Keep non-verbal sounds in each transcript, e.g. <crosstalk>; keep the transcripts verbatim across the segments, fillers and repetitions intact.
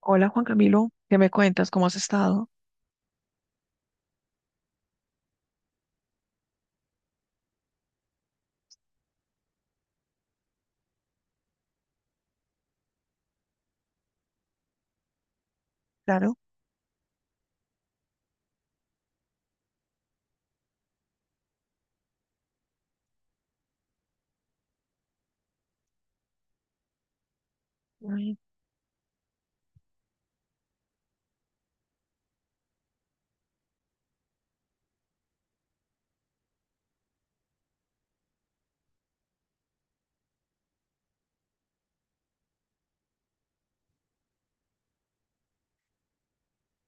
Hola Juan Camilo, ¿qué me cuentas? ¿Cómo has estado? Claro. Ay,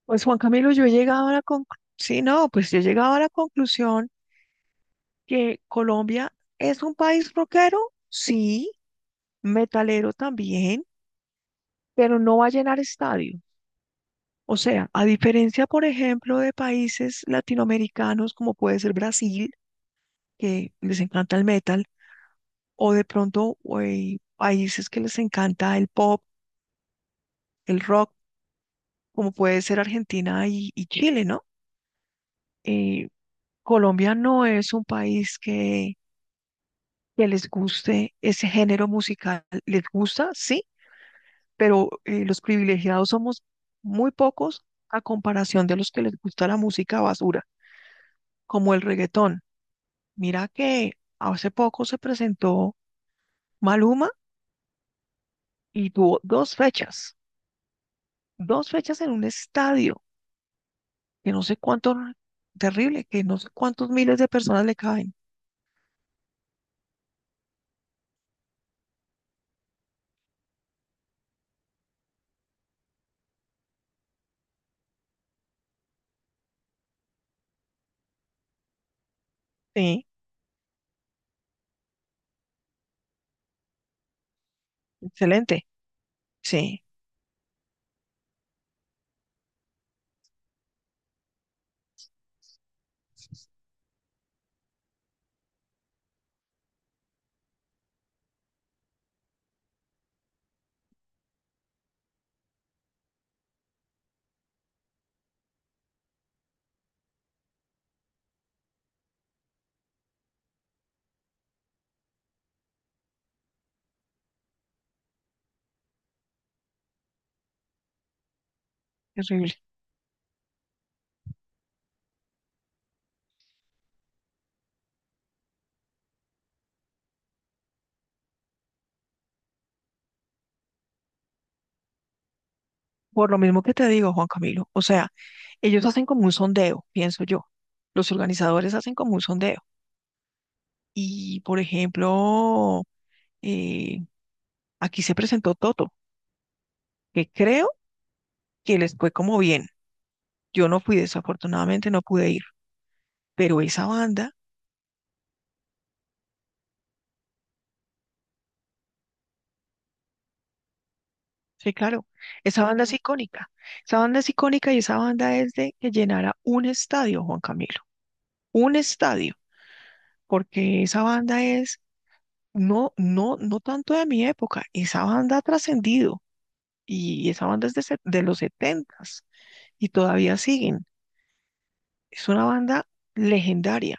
pues Juan Camilo, yo he llegado a la conclusión, sí, no, pues yo he llegado a la conclusión que Colombia es un país rockero, sí, metalero también, pero no va a llenar estadio. O sea, a diferencia, por ejemplo, de países latinoamericanos como puede ser Brasil, que les encanta el metal, o de pronto güey, países que les encanta el pop, el rock, como puede ser Argentina y, y Chile, ¿no? Eh, Colombia no es un país que, que les guste ese género musical. Les gusta, sí, pero eh, los privilegiados somos muy pocos a comparación de los que les gusta la música basura, como el reggaetón. Mira que hace poco se presentó Maluma y tuvo dos fechas, dos fechas en un estadio que no sé cuánto, terrible, que no sé cuántos miles de personas le caben. Sí, excelente. Sí, terrible. Por lo mismo que te digo, Juan Camilo, o sea, ellos hacen como un sondeo, pienso yo. Los organizadores hacen como un sondeo. Y, por ejemplo, eh, aquí se presentó Toto, que creo que les fue como bien. Yo no fui, desafortunadamente no pude ir, pero esa banda, sí, claro, esa banda es icónica. Esa banda es icónica y esa banda es de que llenara un estadio, Juan Camilo, un estadio, porque esa banda es, no, no, no tanto de mi época, esa banda ha trascendido. Y esa banda es de, se- de los setentas y todavía siguen. Es una banda legendaria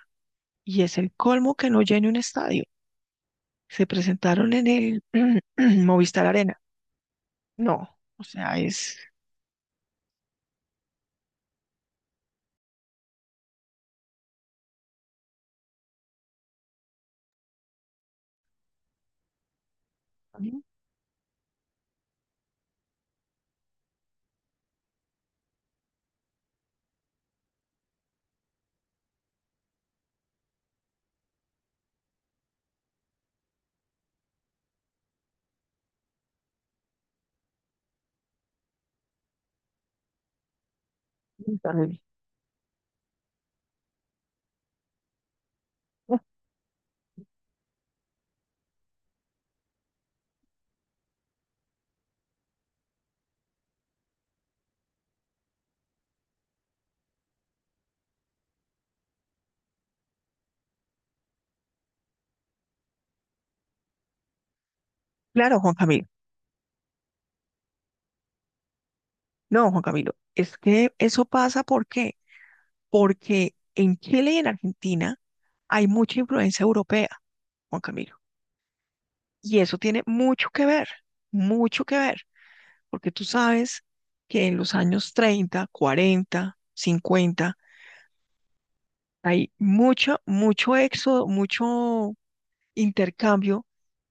y es el colmo que no llene un estadio. Se presentaron en el <clears throat> Movistar Arena. No, o sea, es. Terrible. Claro, Juan Camilo. No, Juan Camilo, es que eso pasa ¿por qué? Porque en Chile y en Argentina hay mucha influencia europea, Juan Camilo, y eso tiene mucho que ver, mucho que ver. Porque tú sabes que en los años treinta, cuarenta, cincuenta hay mucho, mucho éxodo, mucho intercambio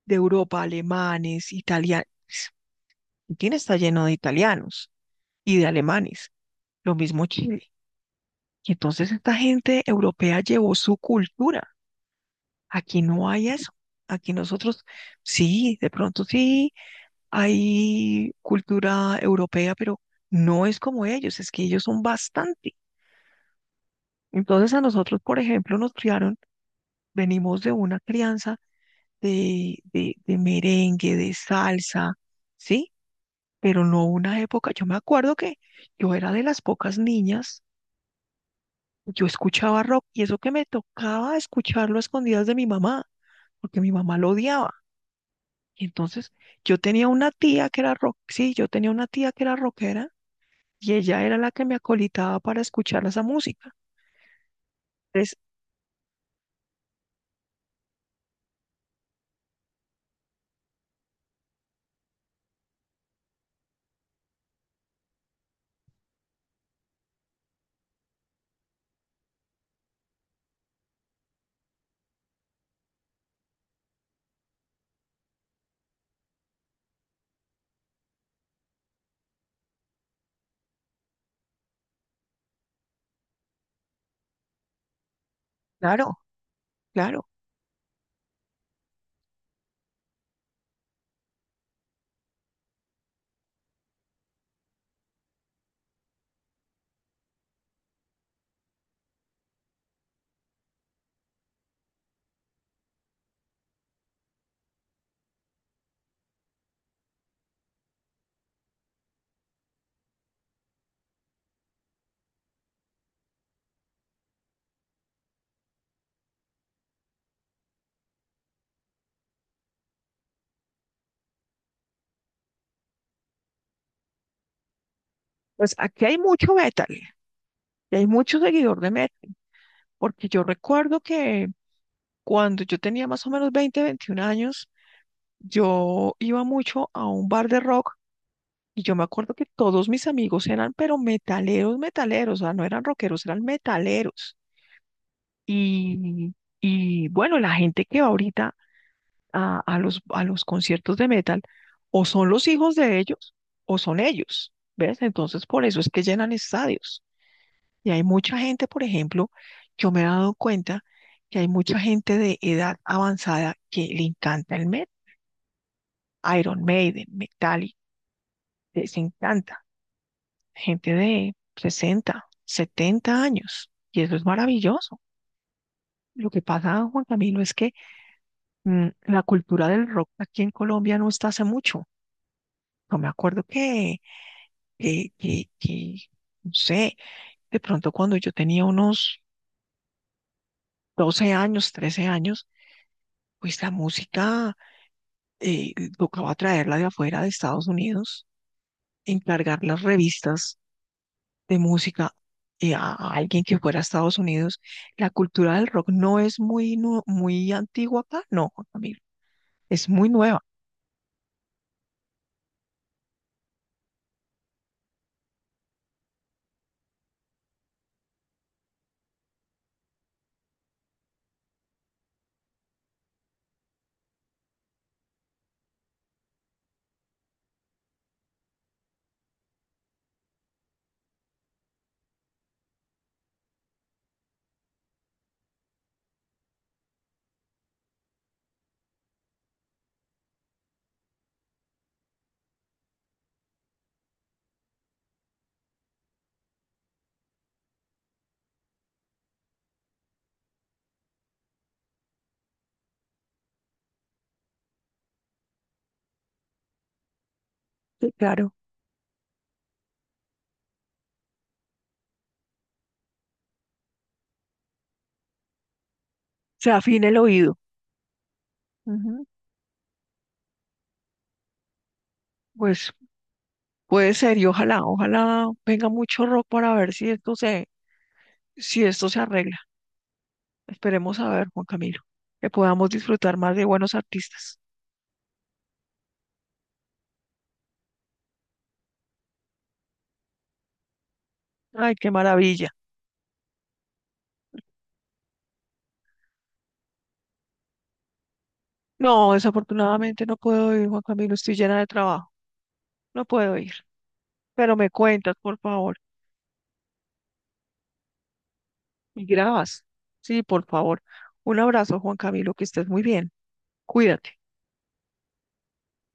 de Europa, alemanes, italianos. Argentina está lleno de italianos y de alemanes, lo mismo Chile. Y entonces esta gente europea llevó su cultura. Aquí no hay eso. Aquí nosotros, sí, de pronto sí, hay cultura europea, pero no es como ellos, es que ellos son bastante. Entonces a nosotros, por ejemplo, nos criaron, venimos de una crianza de, de, de merengue, de salsa, ¿sí? Pero no una época, yo me acuerdo que yo era de las pocas niñas, yo escuchaba rock y eso que me tocaba escucharlo a escondidas de mi mamá, porque mi mamá lo odiaba. Y entonces yo tenía una tía que era rock, sí, yo tenía una tía que era rockera y ella era la que me acolitaba para escuchar esa música. Entonces, claro, claro, pues aquí hay mucho metal. Y hay mucho seguidor de México, porque yo recuerdo que cuando yo tenía más o menos veinte veintiún años, yo iba mucho a un bar de rock y yo me acuerdo que todos mis amigos eran, pero metaleros, metaleros, o sea, no eran rockeros, eran metaleros. Y, y bueno, la gente que va ahorita a, a los, a los conciertos de metal, o son los hijos de ellos, o son ellos, ¿ves? Entonces, por eso es que llenan estadios. Y hay mucha gente, por ejemplo, yo me he dado cuenta que hay mucha gente de edad avanzada que le encanta el metal, Iron Maiden, Metallica, les encanta. Gente de sesenta setenta años. Y eso es maravilloso. Lo que pasa, Juan Camilo, es que mm, la cultura del rock aquí en Colombia no está hace mucho. Yo me acuerdo que, que, que, que, no sé, de pronto cuando yo tenía unos doce años, trece años, pues la música eh, eh, tocaba traerla de afuera de Estados Unidos, encargar las revistas de música eh, a a alguien que fuera a Estados Unidos. La cultura del rock no es muy, nu- muy antigua acá, no, Juan Camilo, es muy nueva. Sí, claro, se afina el oído. Ujú. Pues puede ser y ojalá, ojalá venga mucho rock para ver si esto se, si esto se arregla. Esperemos a ver, Juan Camilo, que podamos disfrutar más de buenos artistas. Ay, qué maravilla. No, desafortunadamente no puedo ir, Juan Camilo, estoy llena de trabajo, no puedo ir, pero me cuentas, por favor, y grabas. Sí, por favor. Un abrazo, Juan Camilo, que estés muy bien. Cuídate.